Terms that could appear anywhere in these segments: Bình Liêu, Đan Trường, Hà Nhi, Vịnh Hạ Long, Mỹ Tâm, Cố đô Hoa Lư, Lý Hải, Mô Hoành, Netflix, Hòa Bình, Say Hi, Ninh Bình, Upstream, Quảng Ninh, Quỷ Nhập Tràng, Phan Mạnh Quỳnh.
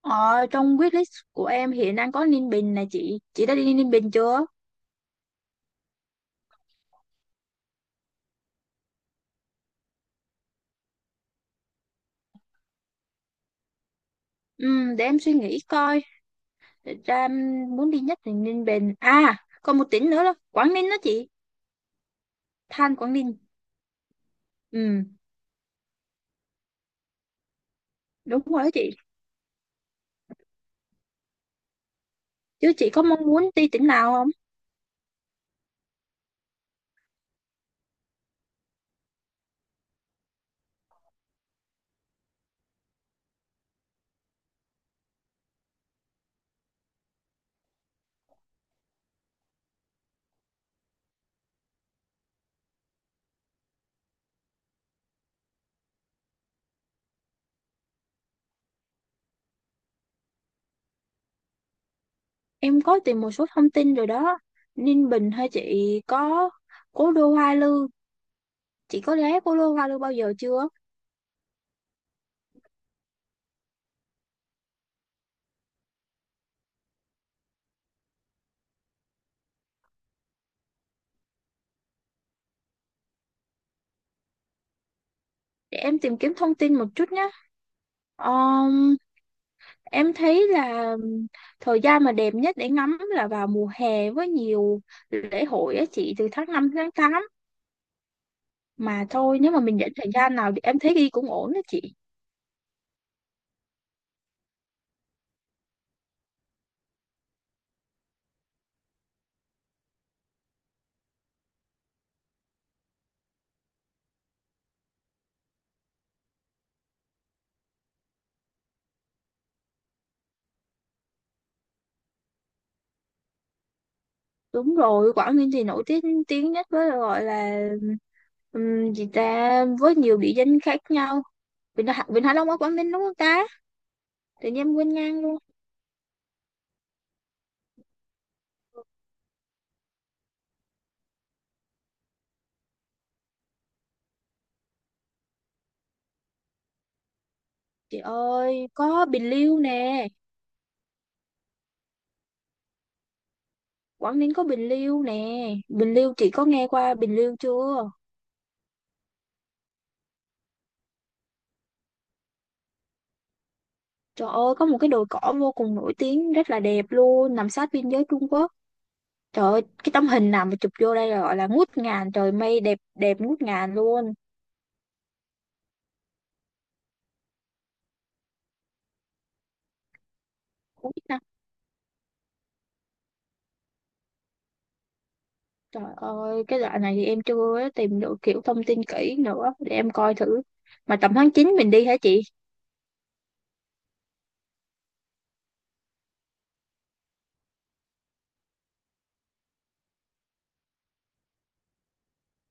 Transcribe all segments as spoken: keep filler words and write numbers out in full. Ờ, Trong wishlist của em hiện đang có Ninh Bình nè chị. Chị đã đi Ninh Bình chưa? Ừ, để em suy nghĩ coi. Thật ra em muốn đi nhất là Ninh Bình. À, còn một tỉnh nữa là Quảng Ninh đó chị. Than Quảng Ninh. Ừ, đúng rồi đó chị. Chứ chị có mong muốn đi tỉnh nào không? Em có tìm một số thông tin rồi đó. Ninh Bình hay chị có Cố đô Hoa Lư. Chị có ghé Cố đô Hoa Lư bao giờ chưa? Để em tìm kiếm thông tin một chút nhé. Ờ, Em thấy là thời gian mà đẹp nhất để ngắm là vào mùa hè với nhiều lễ hội á chị, từ tháng năm đến tháng tám, mà thôi nếu mà mình dẫn thời gian nào thì em thấy đi cũng ổn đó chị. Đúng rồi, Quảng Ninh thì nổi tiếng tiếng nhất với gọi là ừm, gì ta, với nhiều địa danh khác nhau. Vịnh Hạ Vịnh Hạ Long ở Quảng Ninh đúng không ta? Tự nhiên em quên ngang luôn. Chị ơi, có Bình Liêu nè, Quảng Ninh có Bình Liêu nè. Bình Liêu chị có nghe qua Bình Liêu chưa? Trời ơi, có một cái đồi cỏ vô cùng nổi tiếng, rất là đẹp luôn, nằm sát biên giới Trung Quốc. Trời ơi, cái tấm hình nào mà chụp vô đây là gọi là ngút ngàn, trời mây đẹp đẹp ngút ngàn luôn. Không biết nào. Trời ơi, cái đoạn này thì em chưa tìm được kiểu thông tin kỹ nữa để em coi thử. Mà tầm tháng chín mình đi hả chị?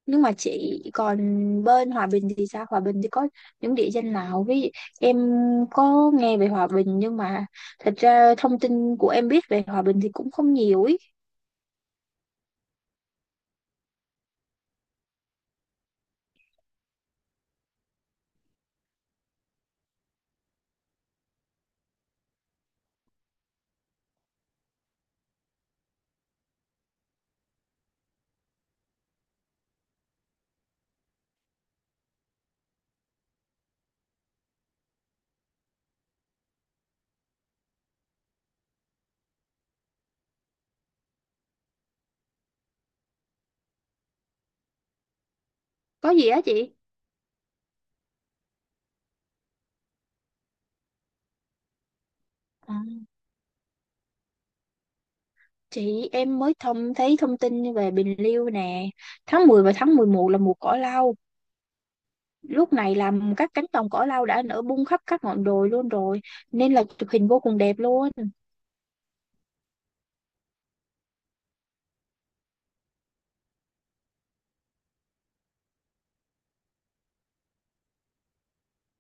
Nhưng mà chị còn bên Hòa Bình thì sao? Hòa Bình thì có những địa danh nào? Với em có nghe về Hòa Bình nhưng mà thật ra thông tin của em biết về Hòa Bình thì cũng không nhiều ý. Có gì á chị? Chị em mới thông thấy thông tin về Bình Liêu nè, tháng mười và tháng mười một là mùa cỏ lau. Lúc này là các cánh đồng cỏ lau đã nở bung khắp các ngọn đồi luôn rồi, nên là chụp hình vô cùng đẹp luôn.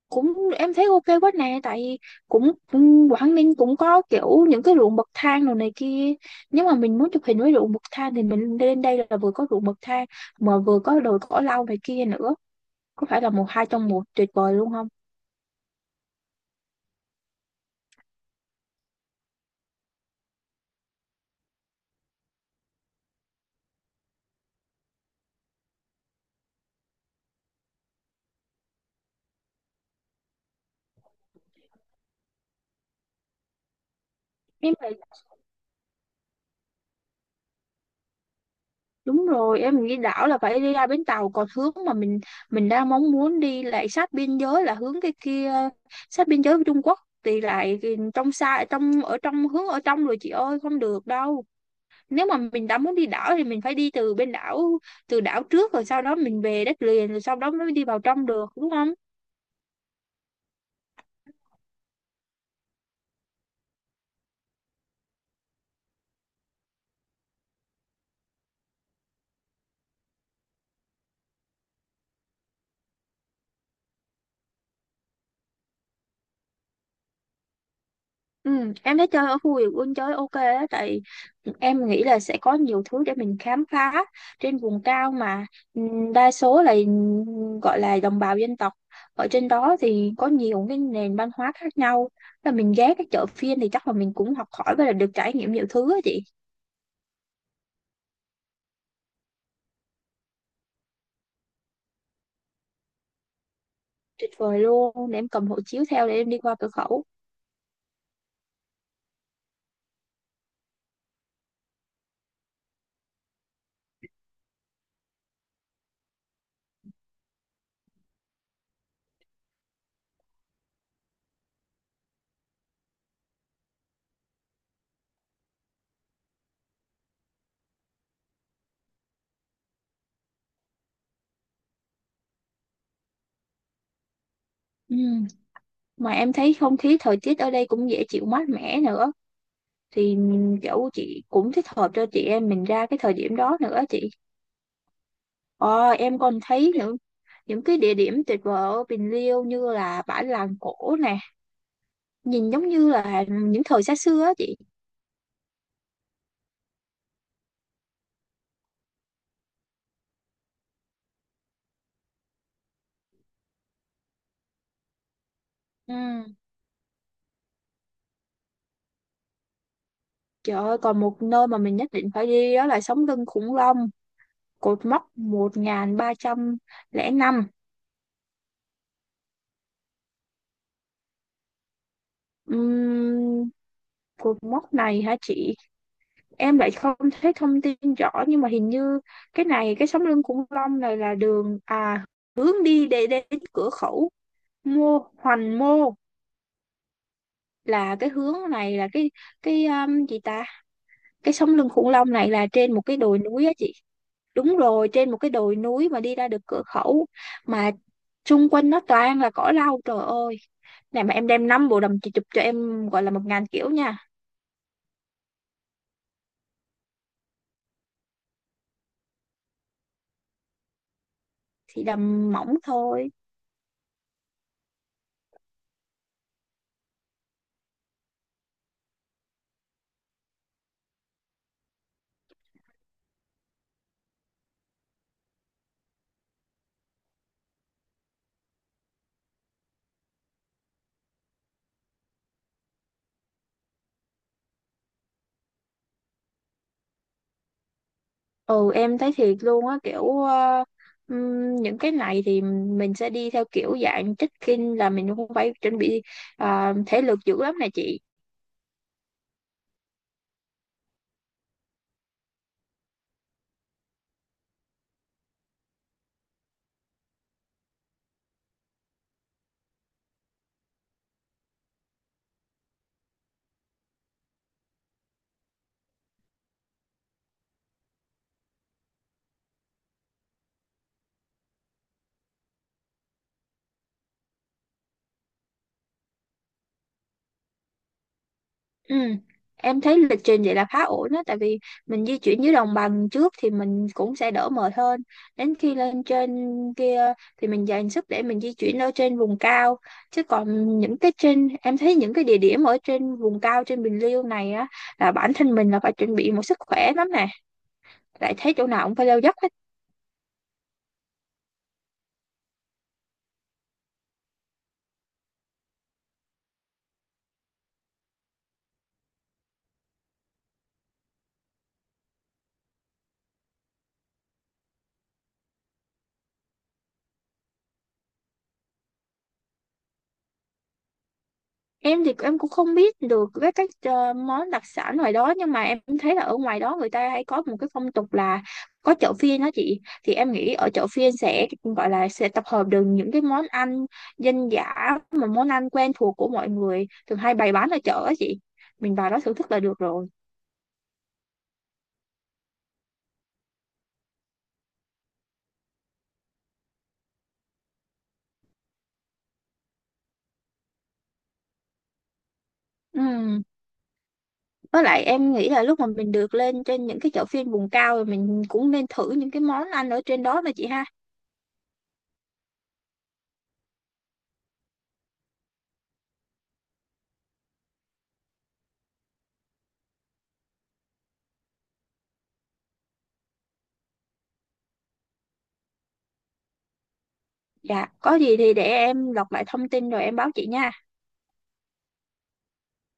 Cũng em thấy ok quá nè, tại cũng cũng Quảng Ninh cũng có kiểu những cái ruộng bậc thang đồ này kia. Nếu mà mình muốn chụp hình với ruộng bậc thang thì mình lên đây là vừa có ruộng bậc thang mà vừa có đồi cỏ lau này kia nữa. Có phải là một hai trong một tuyệt vời luôn không? Em thấy. Đúng rồi, em nghĩ đảo là phải đi ra bến tàu, còn hướng mà mình mình đang mong muốn đi lại sát biên giới là hướng cái kia, sát biên giới với Trung Quốc thì lại trong xa, trong ở trong, hướng ở trong rồi chị ơi, không được đâu. Nếu mà mình đã muốn đi đảo thì mình phải đi từ bên đảo, từ đảo trước rồi sau đó mình về đất liền, rồi sau đó mới đi vào trong được đúng không? Ừ, em thấy chơi ở khu vườn quân chơi ok á, tại em nghĩ là sẽ có nhiều thứ để mình khám phá trên vùng cao mà. Ừ, đa số là ừm, gọi là đồng bào dân tộc ở trên đó thì có nhiều cái nền văn hóa khác nhau, là mình ghé cái chợ phiên thì chắc là mình cũng học hỏi và là được trải nghiệm nhiều thứ á chị. Tuyệt vời luôn, để em cầm hộ chiếu theo để em đi qua cửa khẩu. Ừ. Mà em thấy không khí thời tiết ở đây cũng dễ chịu, mát mẻ nữa, thì kiểu chị cũng thích hợp cho chị em mình ra cái thời điểm đó nữa chị. Ờ, em còn thấy những những cái địa điểm tuyệt vời ở Bình Liêu như là bãi làng cổ nè, nhìn giống như là những thời xa xưa á chị. Ừ. Trời ơi, còn một nơi mà mình nhất định phải đi đó là sống lưng khủng long, cột mốc một ba không năm. Ừm, Cột mốc này hả chị? Em lại không thấy thông tin rõ nhưng mà hình như cái này, cái sống lưng khủng long này là đường, à, hướng đi để đến cửa khẩu Mô Hoành Mô. Là cái hướng này là cái cái um, gì ta, cái sống lưng khủng long này là trên một cái đồi núi á chị, đúng rồi, trên một cái đồi núi mà đi ra được cửa khẩu, mà xung quanh nó toàn là cỏ lau. Trời ơi, này mà em đem năm bộ đầm chị chụp cho em gọi là một ngàn kiểu nha. Thì đầm mỏng thôi. Ừ, em thấy thiệt luôn á, kiểu ờ, ừm, những cái này thì mình sẽ đi theo kiểu dạng check-in, là mình không phải chuẩn bị ờ, thể lực dữ lắm này chị. Ừ. Em thấy lịch trình vậy là khá ổn đó, tại vì mình di chuyển dưới đồng bằng trước thì mình cũng sẽ đỡ mệt hơn, đến khi lên trên kia thì mình dành sức để mình di chuyển ở trên vùng cao. Chứ còn những cái trên, em thấy những cái địa điểm ở trên vùng cao trên Bình Liêu này á, là bản thân mình là phải chuẩn bị một sức khỏe lắm nè, lại thấy chỗ nào cũng phải leo dốc hết. Em thì em cũng không biết được với các ờ, món đặc sản ngoài đó, nhưng mà em thấy là ở ngoài đó người ta hay có một cái phong tục là có chợ phiên đó chị, thì em nghĩ ở chợ phiên sẽ gọi là sẽ tập hợp được những cái món ăn dân dã, mà món ăn quen thuộc của mọi người thường hay bày bán ở chợ á chị, mình vào đó thưởng thức là được rồi. Ừ. Với lại em nghĩ là lúc mà mình được lên trên những cái chợ phiên vùng cao rồi, mình cũng nên thử những cái món ăn ở trên đó mà chị ha. Dạ, có gì thì để em lọc lại thông tin rồi em báo chị nha.